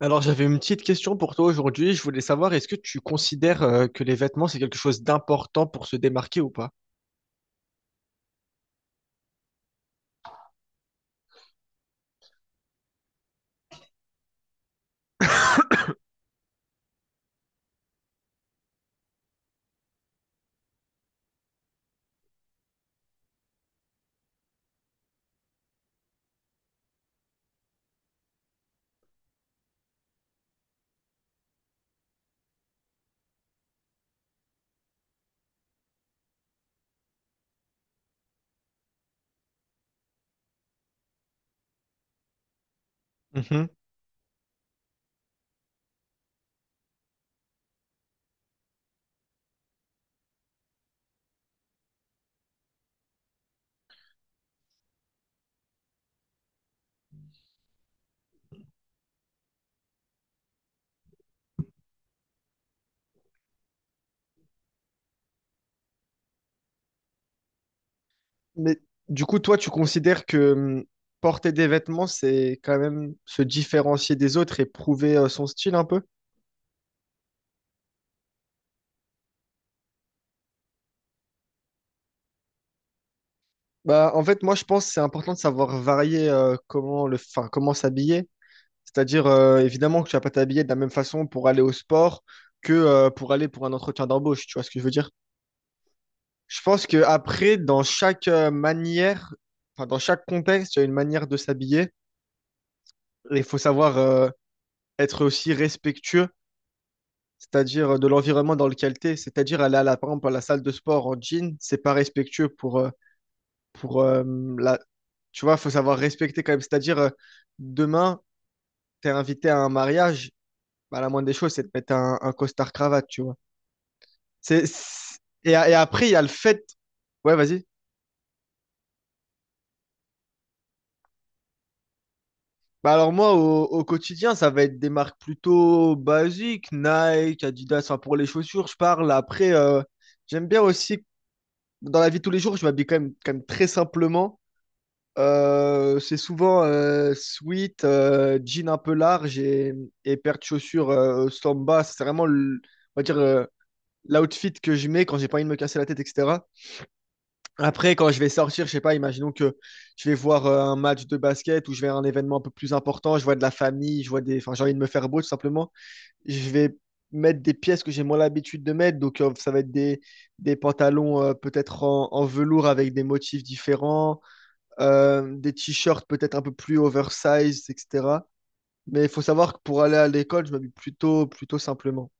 Alors, j'avais une petite question pour toi aujourd'hui. Je voulais savoir, est-ce que tu considères que les vêtements, c'est quelque chose d'important pour se démarquer ou pas? Mhm. Mais du coup, toi, tu considères que porter des vêtements, c'est quand même se différencier des autres et prouver son style un peu? Bah, en fait, moi, je pense que c'est important de savoir varier comment comment s'habiller. C'est-à-dire, évidemment, que tu vas pas t'habiller de la même façon pour aller au sport que pour aller pour un entretien d'embauche. Tu vois ce que je veux dire? Je pense que après, dans chaque manière, enfin, dans chaque contexte, il y a une manière de s'habiller. Et il faut savoir être aussi respectueux, c'est-à-dire de l'environnement dans lequel tu es. C'est-à-dire aller à la, par exemple, à la salle de sport en jean, c'est pas respectueux pour la... Tu vois, il faut savoir respecter quand même. C'est-à-dire, demain, tu es invité à un mariage, bah, la moindre des choses, c'est de mettre un costard-cravate, tu vois. C'est... c'est- Et, et après, il y a le fait... Ouais, vas-y. Bah alors moi, au quotidien, ça va être des marques plutôt basiques, Nike, Adidas, enfin pour les chaussures, je parle. Après, j'aime bien aussi, dans la vie de tous les jours, je m'habille quand même très simplement. C'est souvent sweat, jean un peu large et paire de chaussures samba. On va dire, l'outfit que je mets quand j'ai pas envie de me casser la tête, etc. Après, quand je vais sortir, je sais pas, imaginons que je vais voir un match de basket ou je vais à un événement un peu plus important, je vois de la famille, je vois des, enfin, j'ai envie de me faire beau tout simplement. Je vais mettre des pièces que j'ai moins l'habitude de mettre, donc ça va être des pantalons peut-être en, en velours avec des motifs différents, des t-shirts peut-être un peu plus oversize, etc. Mais il faut savoir que pour aller à l'école, je m'habille plutôt, plutôt simplement.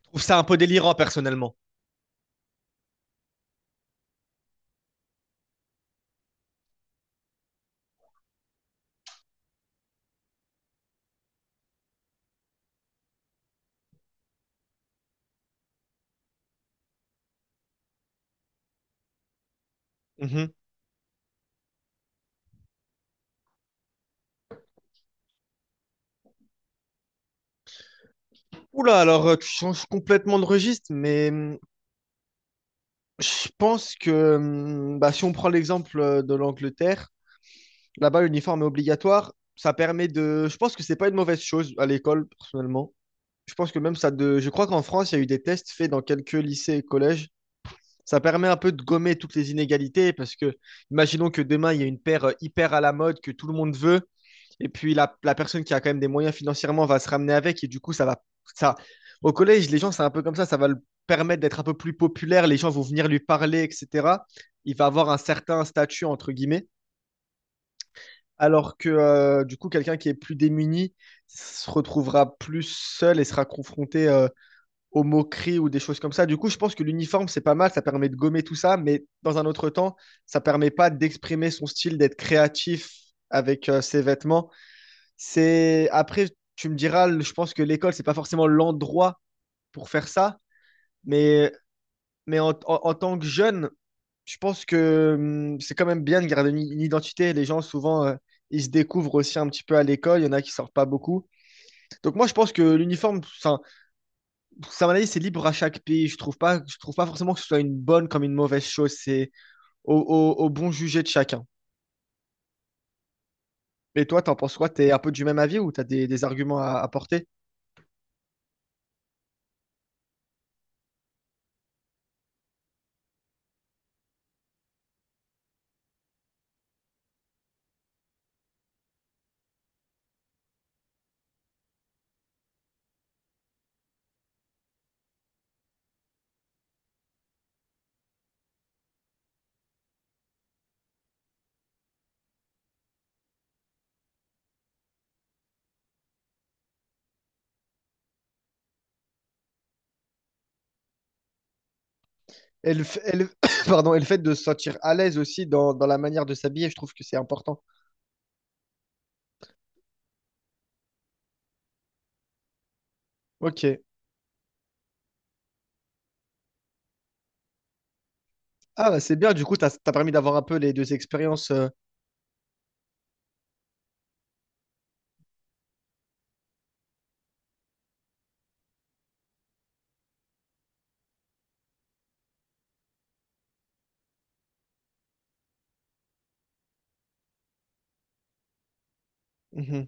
Je trouve ça un peu délirant personnellement. Mhm. Oula, alors tu changes complètement de registre, mais je pense que bah, si on prend l'exemple de l'Angleterre, là-bas l'uniforme est obligatoire, ça permet de... Je pense que c'est pas une mauvaise chose à l'école, personnellement. Je pense que même ça de... Je crois qu'en France, il y a eu des tests faits dans quelques lycées et collèges. Ça permet un peu de gommer toutes les inégalités parce que, imaginons que demain, il y a une paire hyper à la mode que tout le monde veut, et puis la personne qui a quand même des moyens financièrement va se ramener avec, et du coup, ça va. Ça... Au collège, les gens, c'est un peu comme ça va le permettre d'être un peu plus populaire, les gens vont venir lui parler, etc. Il va avoir un certain statut, entre guillemets, alors que, du coup, quelqu'un qui est plus démuni se retrouvera plus seul et sera confronté aux moqueries ou des choses comme ça. Du coup, je pense que l'uniforme, c'est pas mal, ça permet de gommer tout ça, mais dans un autre temps, ça permet pas d'exprimer son style, d'être créatif avec ses vêtements. C'est après, tu me diras, le- je pense que l'école, c'est pas forcément l'endroit pour faire ça, mais, mais en tant que jeune, je pense que c'est quand même bien de garder une identité. Les gens, souvent, ils se découvrent aussi un petit peu à l'école, il y en a qui sortent pas beaucoup. Donc moi, je pense que l'uniforme, c'est ça, à mon avis, c'est libre à chaque pays. Je trouve pas forcément que ce soit une bonne comme une mauvaise chose. C'est au bon jugé de chacun. Et toi, t'en penses quoi? T'es un peu du même avis ou t'as des arguments à apporter? Et le, f- et le- pardon, et le fait de se sentir à l'aise aussi dans, dans la manière de s'habiller, je trouve que c'est important. Ok. Ah, bah, c'est bien. Du coup, t'as, t'as permis d'avoir un peu les deux expériences. Mhm.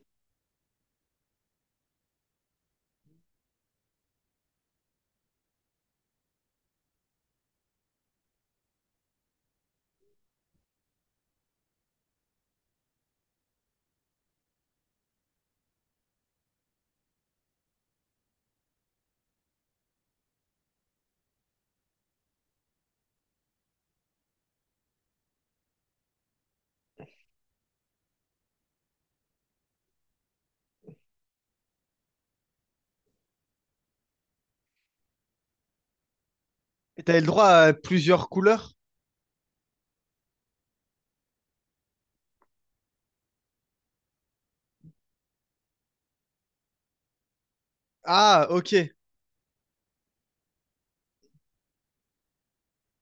Et t'avais le droit à plusieurs couleurs? Ah, ok.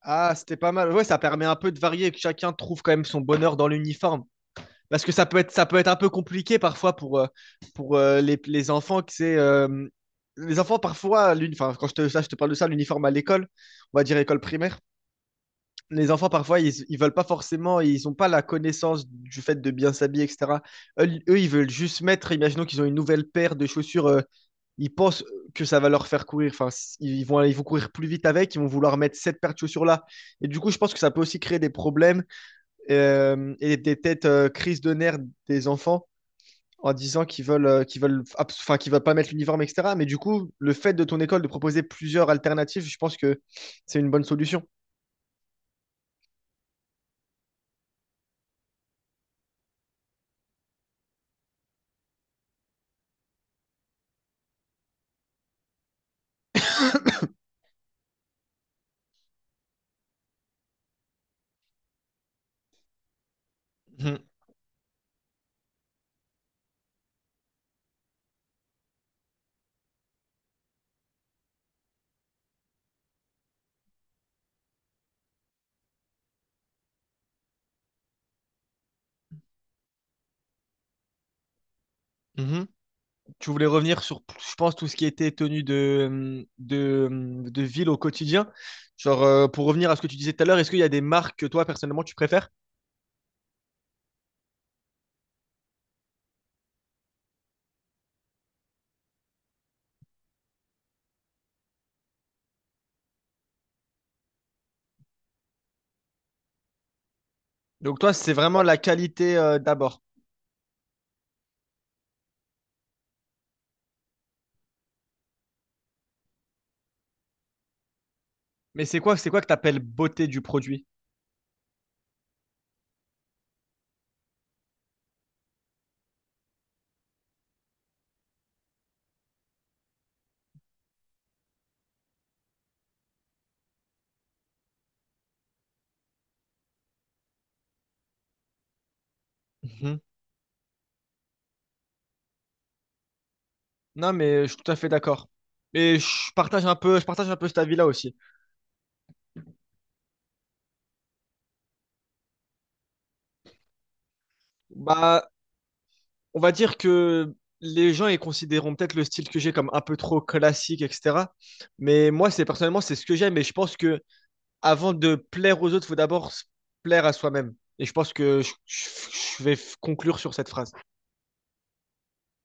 Ah, c'était pas mal. Ouais, ça permet un peu de varier et que chacun trouve quand même son bonheur dans l'uniforme. Parce que ça peut être un peu compliqué parfois pour les enfants que c'est. Les enfants, parfois, enfin, quand je te, ça, je te parle de ça, l'uniforme à l'école, on va dire école primaire, les enfants, parfois, ils veulent pas forcément, ils n'ont pas la connaissance du fait de bien s'habiller, etc. Eux, ils veulent juste mettre, imaginons qu'ils ont une nouvelle paire de chaussures ils pensent que ça va leur faire courir. Enfin, ils vont courir plus vite avec, ils vont vouloir mettre cette paire de chaussures là. Et du coup, je pense que ça peut aussi créer des problèmes et des têtes crises de nerfs des enfants en disant qu'ils veulent, enfin, qu'ils veulent pas mettre l'uniforme, etc. Mais du coup, le fait de ton école de proposer plusieurs alternatives, je pense que c'est une bonne solution. Mhm, mhm. Tu voulais revenir sur, je pense, tout ce qui était tenue de ville au quotidien. Genre, pour revenir à ce que tu disais tout à l'heure, est-ce qu'il y a des marques que toi, personnellement, tu préfères? Donc toi, c'est vraiment la qualité d'abord. Mais c'est quoi que tu appelles beauté du produit? Mhm. Non, mais je suis tout à fait d'accord. Et je partage un peu cet avis-là aussi. Bah, on va dire que les gens ils considéreront peut-être le style que j'ai comme un peu trop classique, etc. Mais moi, c'est personnellement, c'est ce que j'aime. Et je pense que avant de plaire aux autres, faut d'abord se plaire à soi-même. Et je pense que je vais conclure sur cette phrase.